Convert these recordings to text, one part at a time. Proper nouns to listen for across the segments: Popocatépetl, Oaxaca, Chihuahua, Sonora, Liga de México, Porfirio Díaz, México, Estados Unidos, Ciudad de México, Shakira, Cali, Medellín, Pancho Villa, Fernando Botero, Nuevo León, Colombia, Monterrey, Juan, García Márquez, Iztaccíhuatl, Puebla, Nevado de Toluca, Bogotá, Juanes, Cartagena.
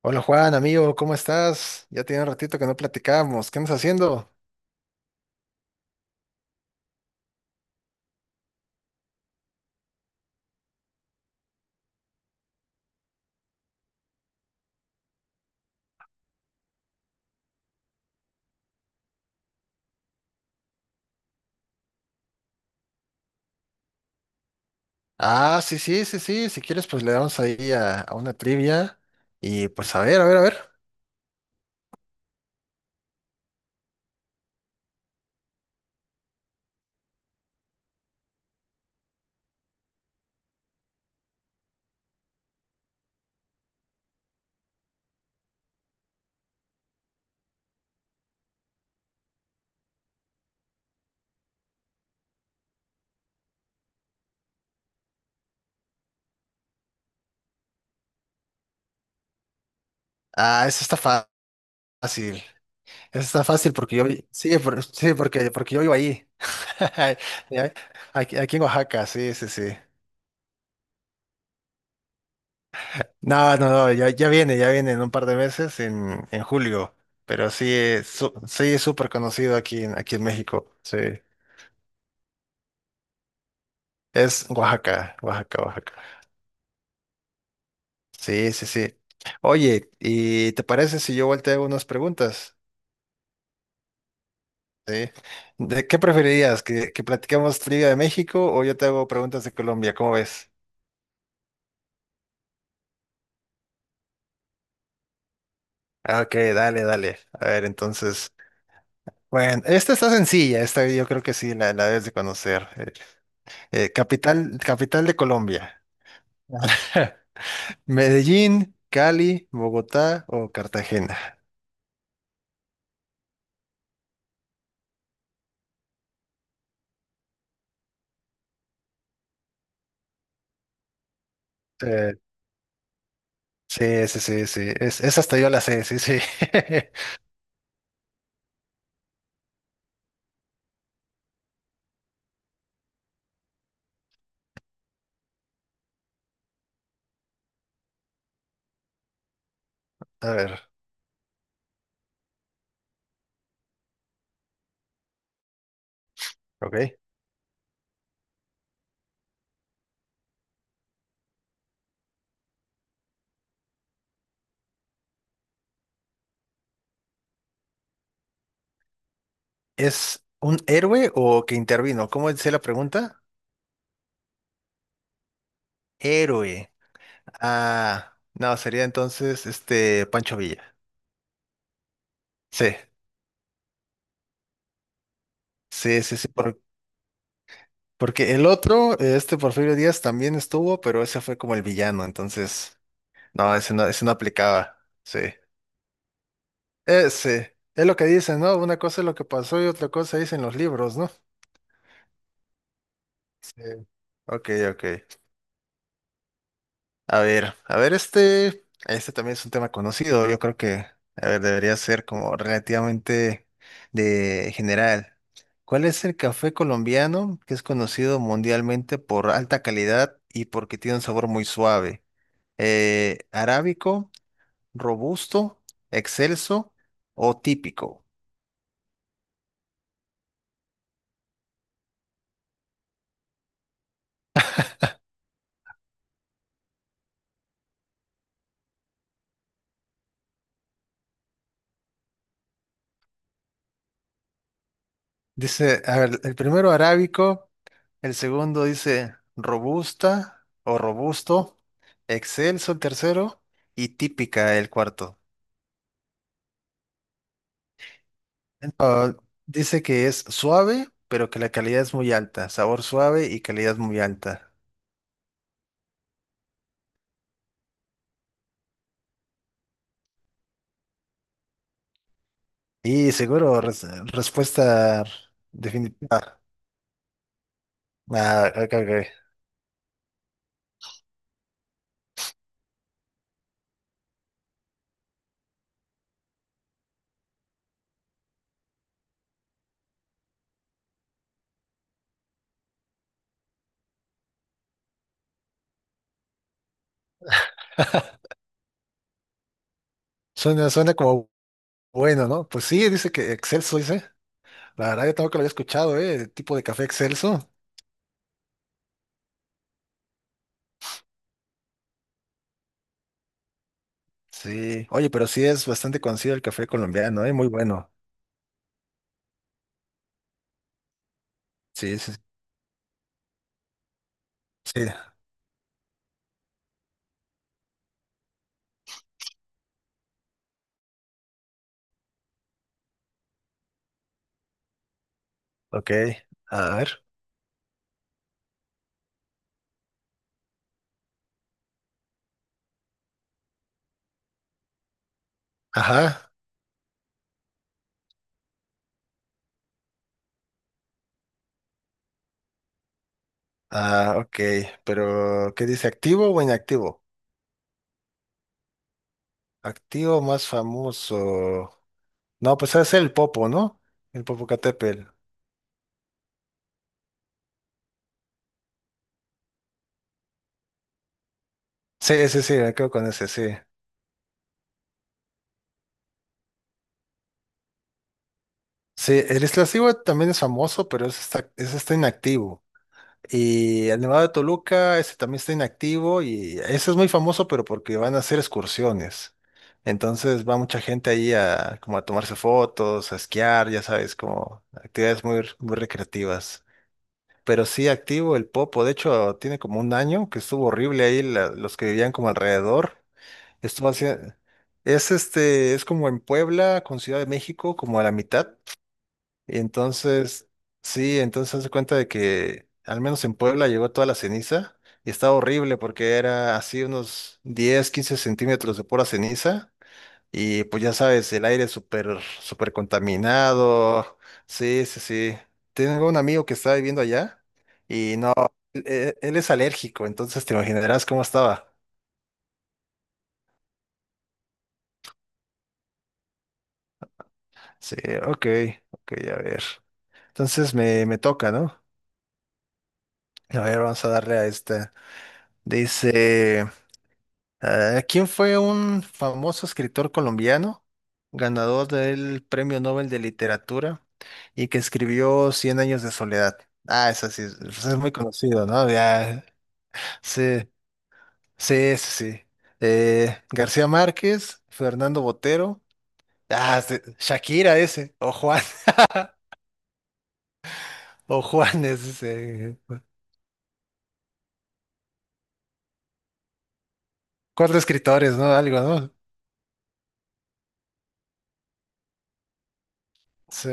Hola Juan, amigo, ¿cómo estás? Ya tiene un ratito que no platicamos. ¿Qué andas haciendo? Ah, sí, sí, sí, sí. Si quieres, pues le damos ahí a una trivia. Y pues a ver, a ver, a ver. Ah, eso está fácil. Eso está fácil porque yo vi- sí, por- sí, porque yo vivo ahí. Ya, aquí en Oaxaca, sí, sí, sí. No, no, no, ya, ya viene en un par de meses, en julio. Pero sí, sí, es súper conocido aquí en México. Sí. Es Oaxaca, Oaxaca, Oaxaca. Sí, sí, sí. Oye, ¿y te parece si yo volteo unas preguntas? ¿Sí? ¿De qué preferirías? ¿Que platiquemos Liga de México o yo te hago preguntas de Colombia? ¿Cómo ves? Ah, ok, dale, dale. A ver, entonces. Bueno, esta está sencilla, esta yo creo que sí, la debes de conocer. Capital, capital de Colombia. Medellín, Cali, Bogotá o Cartagena. Eh, sí, sí, sí, sí. Es, esa hasta yo la sé, sí, sí. A ver, ok. ¿Es un héroe o que intervino? ¿Cómo dice la pregunta? Héroe. Ah, no, sería entonces este Pancho Villa. Sí, sí, sí, sí, porque el otro, este Porfirio Díaz también estuvo, pero ese fue como el villano, entonces, no, ese no, ese no aplicaba. Sí. ese Es lo que dicen, ¿no? Una cosa es lo que pasó y otra cosa dicen los libros, ¿no? Sí. Ok, ok. A ver, este también es un tema conocido. Yo creo que, a ver, debería ser como relativamente de general. ¿Cuál es el café colombiano que es conocido mundialmente por alta calidad y porque tiene un sabor muy suave? Arábico, robusto, excelso o típico. Dice, a ver, el primero arábico. El segundo dice robusta o robusto, excelso el tercero y típica el cuarto. Ah, dice que es suave, pero que la calidad es muy alta, sabor suave y calidad muy alta. Y seguro, respuesta definitiva. Ah, ok, ok. Suena, suena como bueno, ¿no? Pues sí, dice que excelso, dice. La verdad, yo tampoco lo había escuchado, ¿eh? El tipo de café excelso. Sí. Oye, pero sí es bastante conocido el café colombiano, ¿eh? Muy bueno. Sí, sí, sí. Ok, a ver. Ajá. Ah, ok. Pero, ¿qué dice? ¿Activo o inactivo? Activo más famoso. No, pues es el Popo, ¿no? El Popocatépetl. Sí, sí, sí, me quedo con ese, sí. Sí, el Iztaccíhuatl también es famoso, pero ese está inactivo. Y el Nevado de Toluca, ese también está inactivo y ese es muy famoso, pero porque van a hacer excursiones. Entonces va mucha gente ahí a como a tomarse fotos, a esquiar, ya sabes, como actividades muy, muy recreativas. Pero sí activo el Popo, de hecho tiene como un año que estuvo horrible ahí los que vivían como alrededor. Estuvo hacia- es este, es como en Puebla con Ciudad de México, como a la mitad. Y entonces, sí, entonces se cuenta de que al menos en Puebla llegó toda la ceniza y estaba horrible porque era así unos 10 15 centímetros de pura ceniza y pues ya sabes, el aire súper, súper contaminado. Sí, sí, sí. Tengo un amigo que está viviendo allá y no, él es alérgico, entonces te imaginarás cómo estaba. Sí, ok, ok, a ver. Entonces me toca, ¿no? A ver, vamos a darle a esta. Dice... Ah, ¿quién fue un famoso escritor colombiano, ganador del Premio Nobel de Literatura y que escribió Cien años de soledad? Ah, esa sí, es pues, es muy conocido, ¿no? Ya, sí, sí, ese sí. García Márquez, Fernando Botero, ah, sí, Shakira ese, o Juan, o Juanes, ese. Cuatro escritores, ¿no? Algo, ¿no? Sí,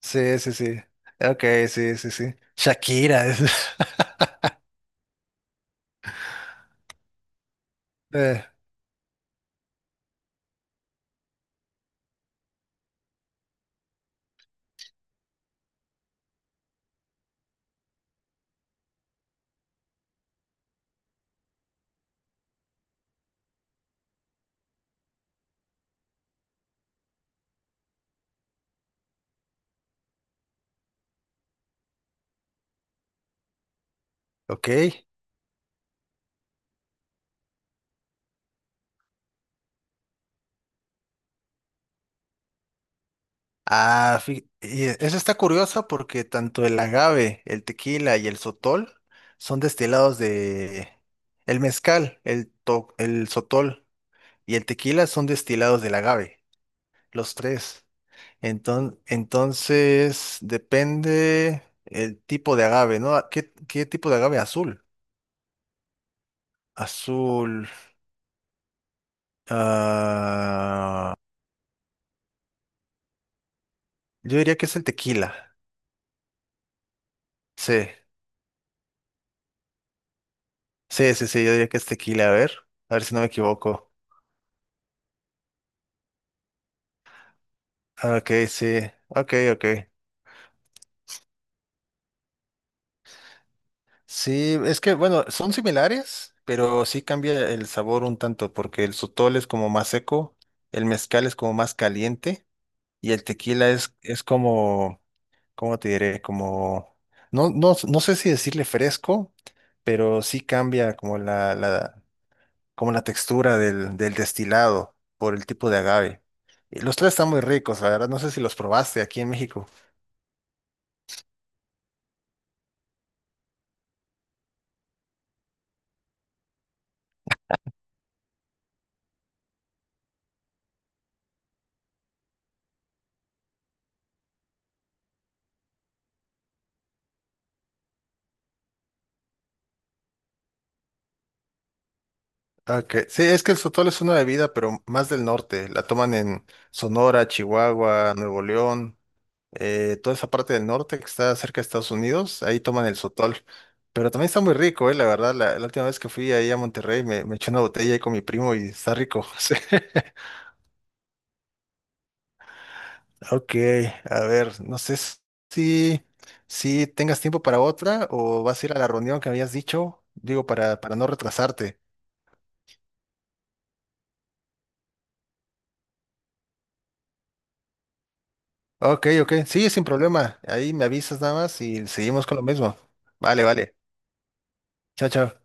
sí, sí, sí. Ok, sí, sí, sí. Shakira. Eh, ok. Ah, eso está curioso porque tanto el agave, el tequila y el sotol son destilados de... El mezcal, el sotol y el tequila son destilados del agave, los tres. Entonces, depende el tipo de agave, ¿no? Ah, ¿qué tipo de agave? Azul. Azul. Ah, yo diría que es el tequila. Sí, sí, sí, sí, yo diría que es tequila. A ver si no me equivoco. Ok, sí, ok, ok. Sí, es que bueno, son similares, pero sí cambia el sabor un tanto, porque el sotol es como más seco, el mezcal es como más caliente, y el tequila es como, ¿cómo te diré? Como, no, no, no sé si decirle fresco, pero sí cambia como como la textura del destilado por el tipo de agave. Y los tres están muy ricos, la verdad, no sé si los probaste aquí en México. Ok, sí, es que el sotol es una bebida, pero más del norte. La toman en Sonora, Chihuahua, Nuevo León, toda esa parte del norte que está cerca de Estados Unidos, ahí toman el sotol. Pero también está muy rico, la verdad. La última vez que fui ahí a Monterrey me eché una botella ahí con mi primo y está rico. Sí. Ok, a ver, no sé si, si tengas tiempo para otra o vas a ir a la reunión que habías dicho, digo, para no retrasarte. Ok, ok. Sí, sin problema. Ahí me avisas nada más y seguimos con lo mismo. Vale, vale. Chao, chao.